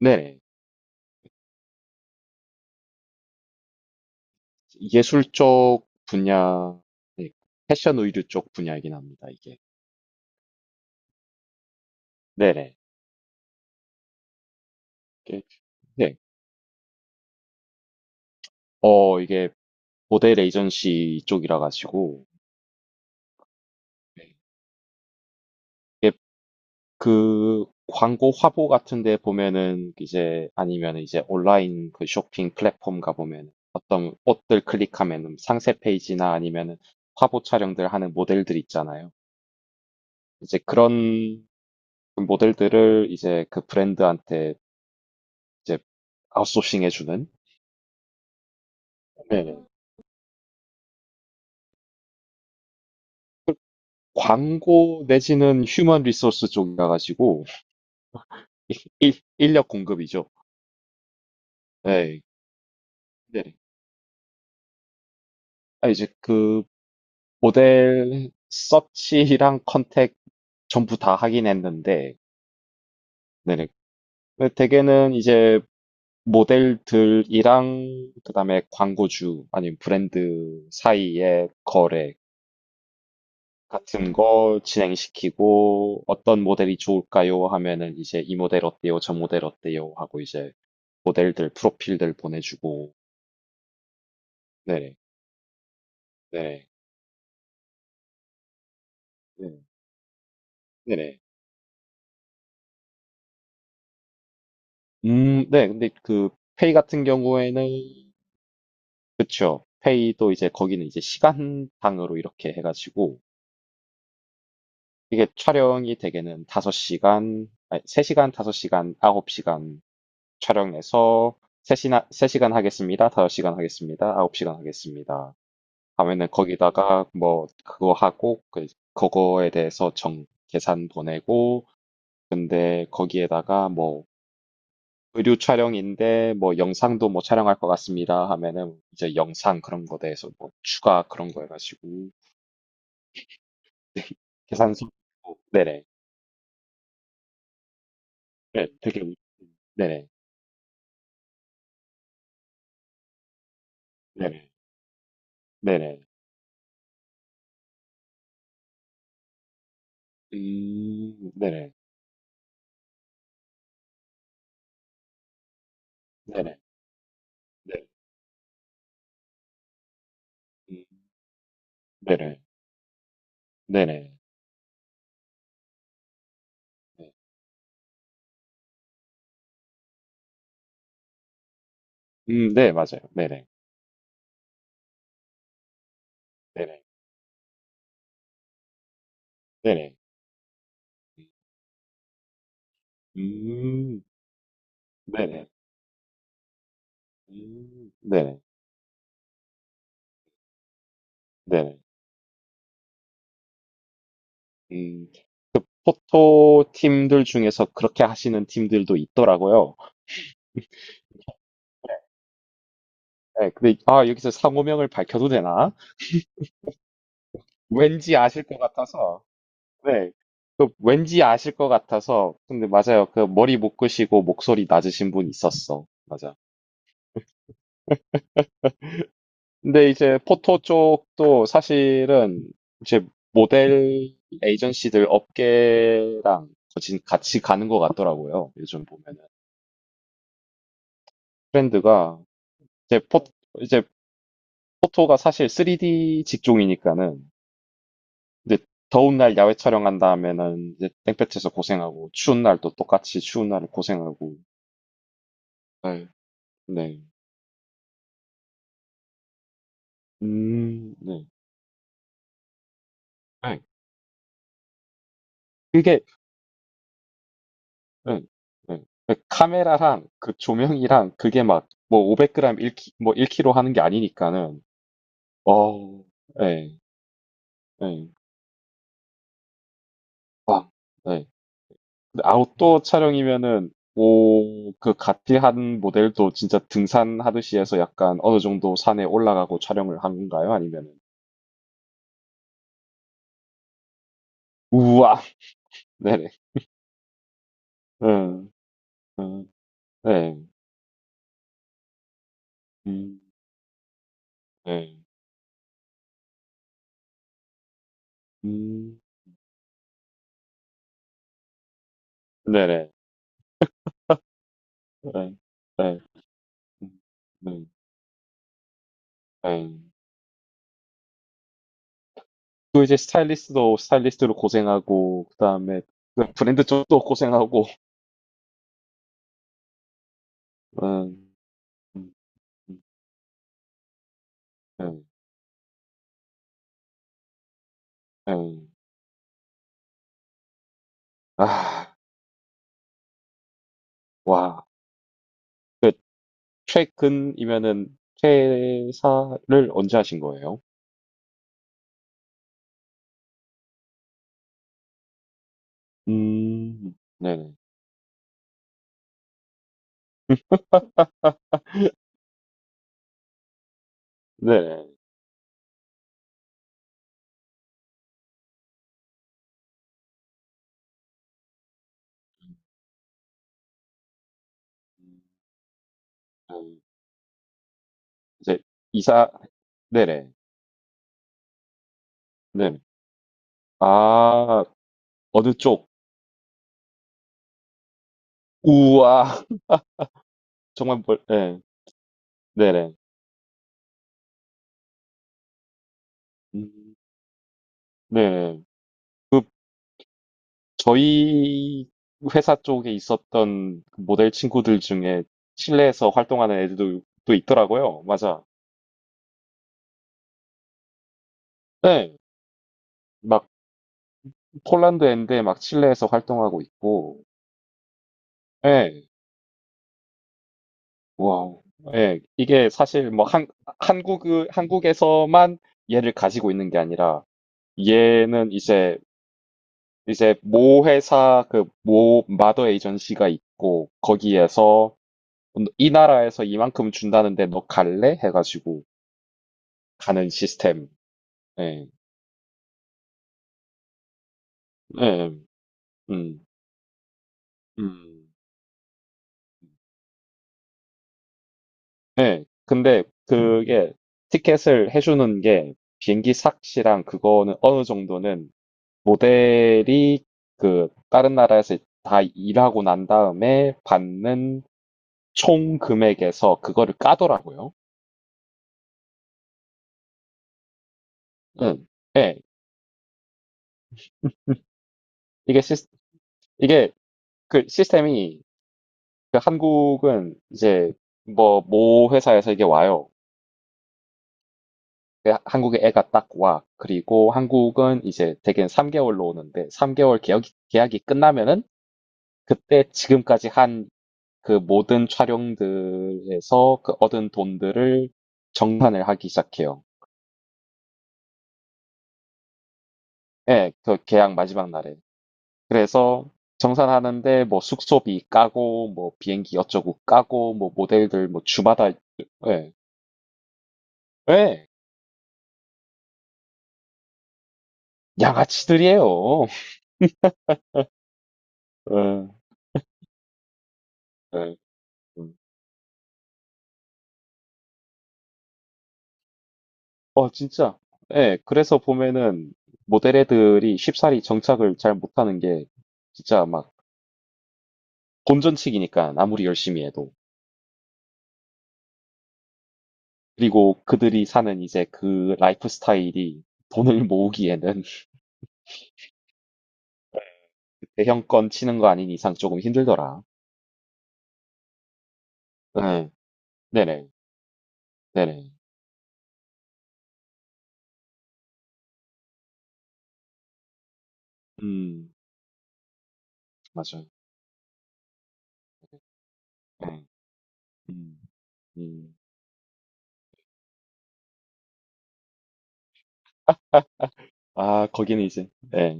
네, 예술 쪽 분야. 네, 패션 의류 쪽 분야이긴 합니다, 이게. 네네. 이게- 네, 이게 모델 에이전시 쪽이라 가지고. 네. 이게 그 광고 화보 같은 데 보면은 이제, 아니면 이제 온라인 그 쇼핑 플랫폼 가보면 어떤 옷들 클릭하면은 상세 페이지나 아니면은 화보 촬영들 하는 모델들 있잖아요. 이제 그런 모델들을 이제 그 브랜드한테 이제 아웃소싱 해주는, 광고 내지는 휴먼 리소스 쪽이라 가지고 인력 공급이죠. 네. 네. 아, 이제 그 모델 서치랑 컨택 전부 다 하긴 했는데, 네네. 근데 대개는 이제 모델들이랑 그다음에 광고주 아니면 브랜드 사이의 거래 같은 거 진행시키고, 어떤 모델이 좋을까요? 하면은 이제 이 모델 어때요? 저 모델 어때요? 하고 이제 모델들 프로필들 보내주고. 네네. 네. 네. 네네. 네. 근데 그 페이 같은 경우에는, 그쵸, 페이도 이제 거기는 이제 시간당으로 이렇게 해가지고, 이게 촬영이 대개는 5시간, 아니, 3시간, 5시간, 9시간 촬영해서, 3시나, 3시간 하겠습니다. 5시간 하겠습니다. 9시간 하겠습니다. 하면은 거기다가 뭐 그거 하고, 그 그거에 대해서 정 계산 보내고, 근데 거기에다가 뭐 의류 촬영인데 뭐 영상도 뭐 촬영할 것 같습니다 하면은 이제 영상 그런 거 대해서 뭐 추가 그런 거 해가지고 계산서 있고. 네네. 네, 되게 네네. 네네. 네네. 음. 네네. 네네. 네. 음, 네네. 네네. 네. 음네. 맞아요. 네네. 네네. 네네. 음. 네네. 음. 네네. 네네. 음. 그 포토 팀들 중에서 그렇게 하시는 팀들도 있더라고요. 네, 근데 아, 여기서 상호명을 밝혀도 되나? 왠지 아실 것 같아서. 네, 그 왠지 아실 것 같아서. 근데 맞아요. 그 머리 묶으시고 목소리 낮으신 분 있었어. 맞아. 근데 이제 포토 쪽도 사실은 이제 모델 에이전시들 업계랑 거진 같이 가는 것 같더라고요. 요즘 보면은 트렌드가 이제 포 이제 포토가 사실 3D 직종이니까는. 근데 더운 날 야외 촬영한 다음에는 이제 땡볕에서 고생하고 추운 날도 똑같이 추운 날을 고생하고. 네, 네. 네. 네. 그게. 네, 네. 그 카메라랑 그 조명이랑 그게 막 뭐 500g 1, 뭐 1kg 하는 게 아니니까는. 어, 네, 네, 네. 근데 아웃도어 촬영이면은, 오, 그 가티한 모델도 진짜 등산하듯이 해서 약간 어느 정도 산에 올라가고 촬영을 한 건가요? 아니면은. 우와. 네. 음. 음. 네. 음. 네. 음. 네네. 예. 네. 음. 네. 네. 또 이제 스타일리스트도 스타일리스트로 고생하고, 그다음에 그 브랜드 쪽도 고생하고. 음. 음. 음. 예. 예. 아. 와. 그 최근이면은 퇴사를 언제 하신 거예요? 음. 네네. 네네. 음. 음. 이제 이사. 네네. 네네. 아. 어느 쪽? 우와. 정말 멀, 네. 네네. 음, 네. 그, 저희 회사 쪽에 있었던 그 모델 친구들 중에 칠레에서 활동하는 애들도 또 있더라고요. 맞아. 네. 막 폴란드 애인데 막 칠레에서 활동하고 있고. 네. 와우. 네. 이게 사실 뭐 한국, 한국에서만 얘를 가지고 있는 게 아니라, 얘는 이제 이제 모 회사, 그 모 마더 에이전시가 있고, 거기에서 이 나라에서 이만큼 준다는데 너 갈래? 해가지고 가는 시스템. 예. 예. 음. 음. 예. 근데 그게 티켓을 해주는 게, 비행기 삭시랑 그거는 어느 정도는 모델이 그 다른 나라에서 다 일하고 난 다음에 받는 총 금액에서 그거를 까더라고요. 응. 예. 이게 시스, 이게 그 시스템이, 그 한국은 이제 뭐 모 회사에서 이게 와요. 한국에 애가 딱 와. 그리고 한국은 이제 대개는 3개월로 오는데, 3개월 계약이 끝나면은 그때 지금까지 한 그 모든 촬영들에서 그 얻은 돈들을 정산을 하기 시작해요. 예, 그 계약 마지막 날에. 그래서 정산하는데 뭐 숙소비 까고 뭐 비행기 어쩌고 까고 뭐 모델들 뭐 주마다. 예. 예. 양아치들이에요. 예, 예, 음. 어, 진짜. 예, 그래서 보면은 모델 애들이 쉽사리 정착을 잘 못하는 게, 진짜 막 본전치기니까 아무리 열심히 해도. 그리고 그들이 사는 이제 그 라이프 스타일이 돈을 모으기에는, 대형권 치는 거 아닌 이상 조금 힘들더라. 네. 네네, 네네. 음, 맞아요. 네. 음, 음. 아, 거기는 이제, 예,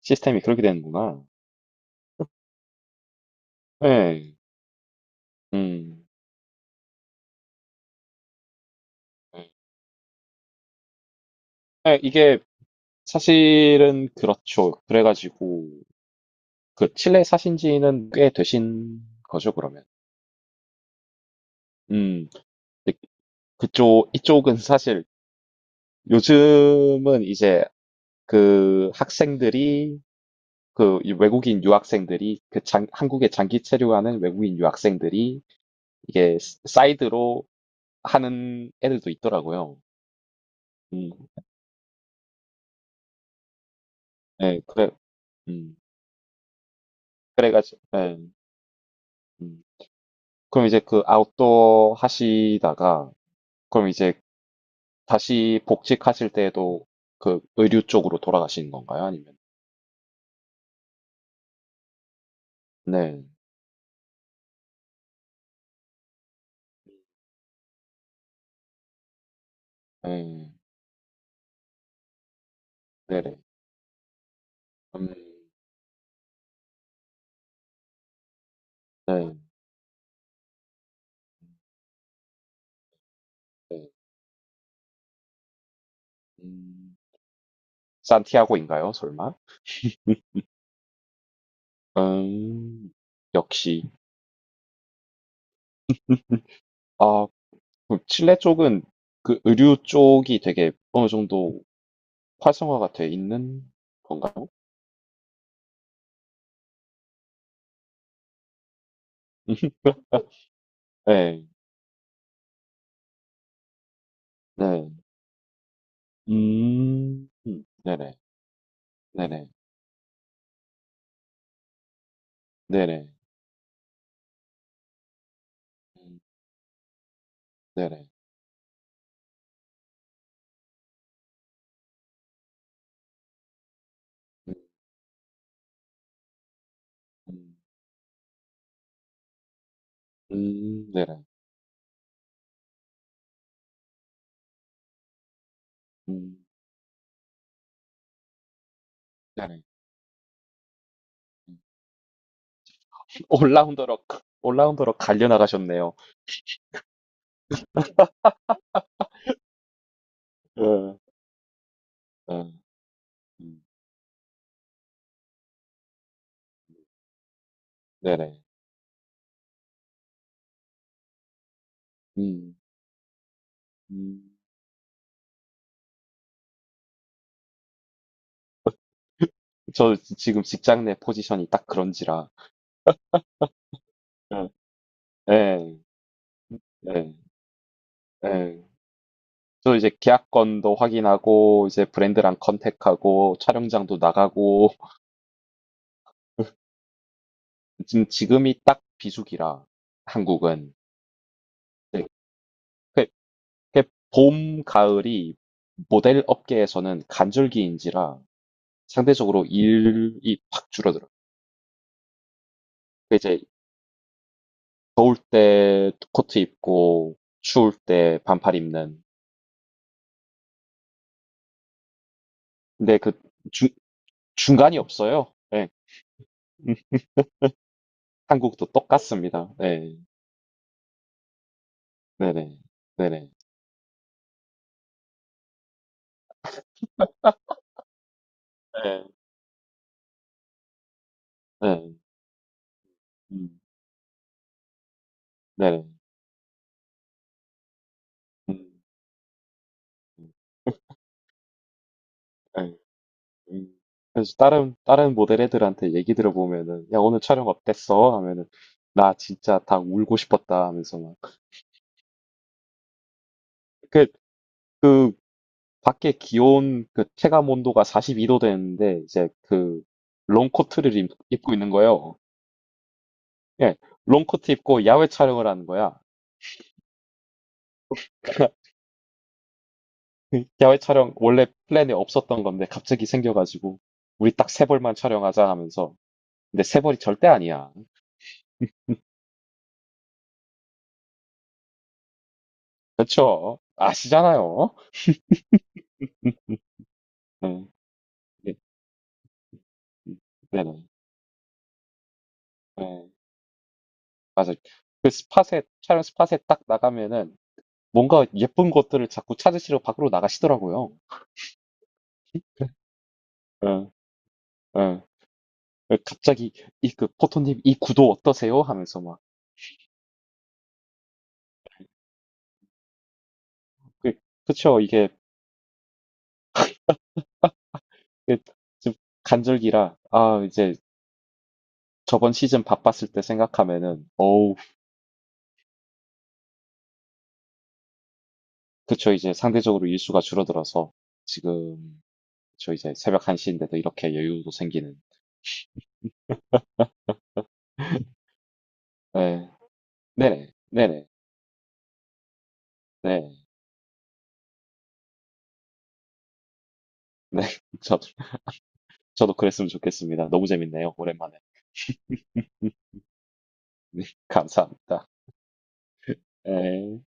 시스템이 그렇게 되는구나. 예, 음. 예. 네, 이게 사실은 그렇죠. 그래가지고 그 칠레 사신 지는 꽤 되신 거죠, 그러면. 음, 근데 그쪽 이쪽은 사실 요즘은 이제 그 학생들이, 그 외국인 유학생들이, 한국에 장기 체류하는 외국인 유학생들이 사이드로 하는 애들도 있더라고요. 음, 네, 그래, 음, 그래가지고, 네, 음. 그럼 이제 그 아웃도어 하시다가 그럼 이제 다시 복직하실 때도 그 의류 쪽으로 돌아가시는 건가요? 아니면. 네, 네, 네네, 음, 네, 네, 음, 산티아고인가요? 설마? 음, 역시. 아, 그 칠레 쪽은 그 의류 쪽이 되게 어느 정도 활성화가 돼 있는 건가요? 네, 네, 네네, 네네, 네네, 음, 네네, 음, 음, 네네, 음, 네네. 올라운더로 올라운더로 갈려 나가셨네요. 예. 예. 음, 네네. 음, 음. 지금 직장 내 포지션이 딱 그런지라. 예. 예. 예. 예. 저 이제 계약건도 확인하고 이제 브랜드랑 컨택하고 촬영장도 나가고. 지금이 딱 비수기라, 한국은. 네. 그- 그봄 가을이 모델 업계에서는 간절기인지라 상대적으로 일이 확 줄어들어. 그 이제 더울 때 코트 입고 추울 때 반팔 입는. 근데 그 중, 중간이 없어요. 네. 음, 한국도 똑같습니다. 네. 네네. 네네. 네. 네. 음. 네네. 음. 음. 네. 음. 그래서 다른 모델 애들한테 얘기 들어보면은, 야 오늘 촬영 어땠어? 하면은 나 진짜 다 울고 싶었다 하면서 막, 그 그 밖에 기온, 그 체감 온도가 42도 되는데 이제 그 롱코트를 입고 있는 거예요. 예, 롱코트 입고 야외 촬영을 하는 거야. 야외 촬영 원래 플랜에 없었던 건데 갑자기 생겨가지고 우리 딱 세 벌만 촬영하자 하면서. 근데 세 벌이 절대 아니야. 그렇죠? 아시잖아요. 응. 네, 네, 네. 네, 맞아요. 그 스팟에, 촬영 스팟에 딱 나가면은 뭔가 예쁜 것들을 자꾸 찾으시러 밖으로 나가시더라고요. 응, 응. 갑자기 이, 그 포토님 이 구도 어떠세요? 하면서 막. 그, 그쵸, 이게. 그, 지금 간절기라, 아, 이제 저번 시즌 바빴을 때 생각하면은, 어우. 그쵸, 이제 상대적으로 일수가 줄어들어서, 지금, 저 이제 새벽 1시인데도 이렇게 여유도 생기는. 네, 네네, 네네, 네, 네. 저도, 저도 그랬으면 좋겠습니다. 너무 재밌네요, 오랜만에. 네, 감사합니다. 네.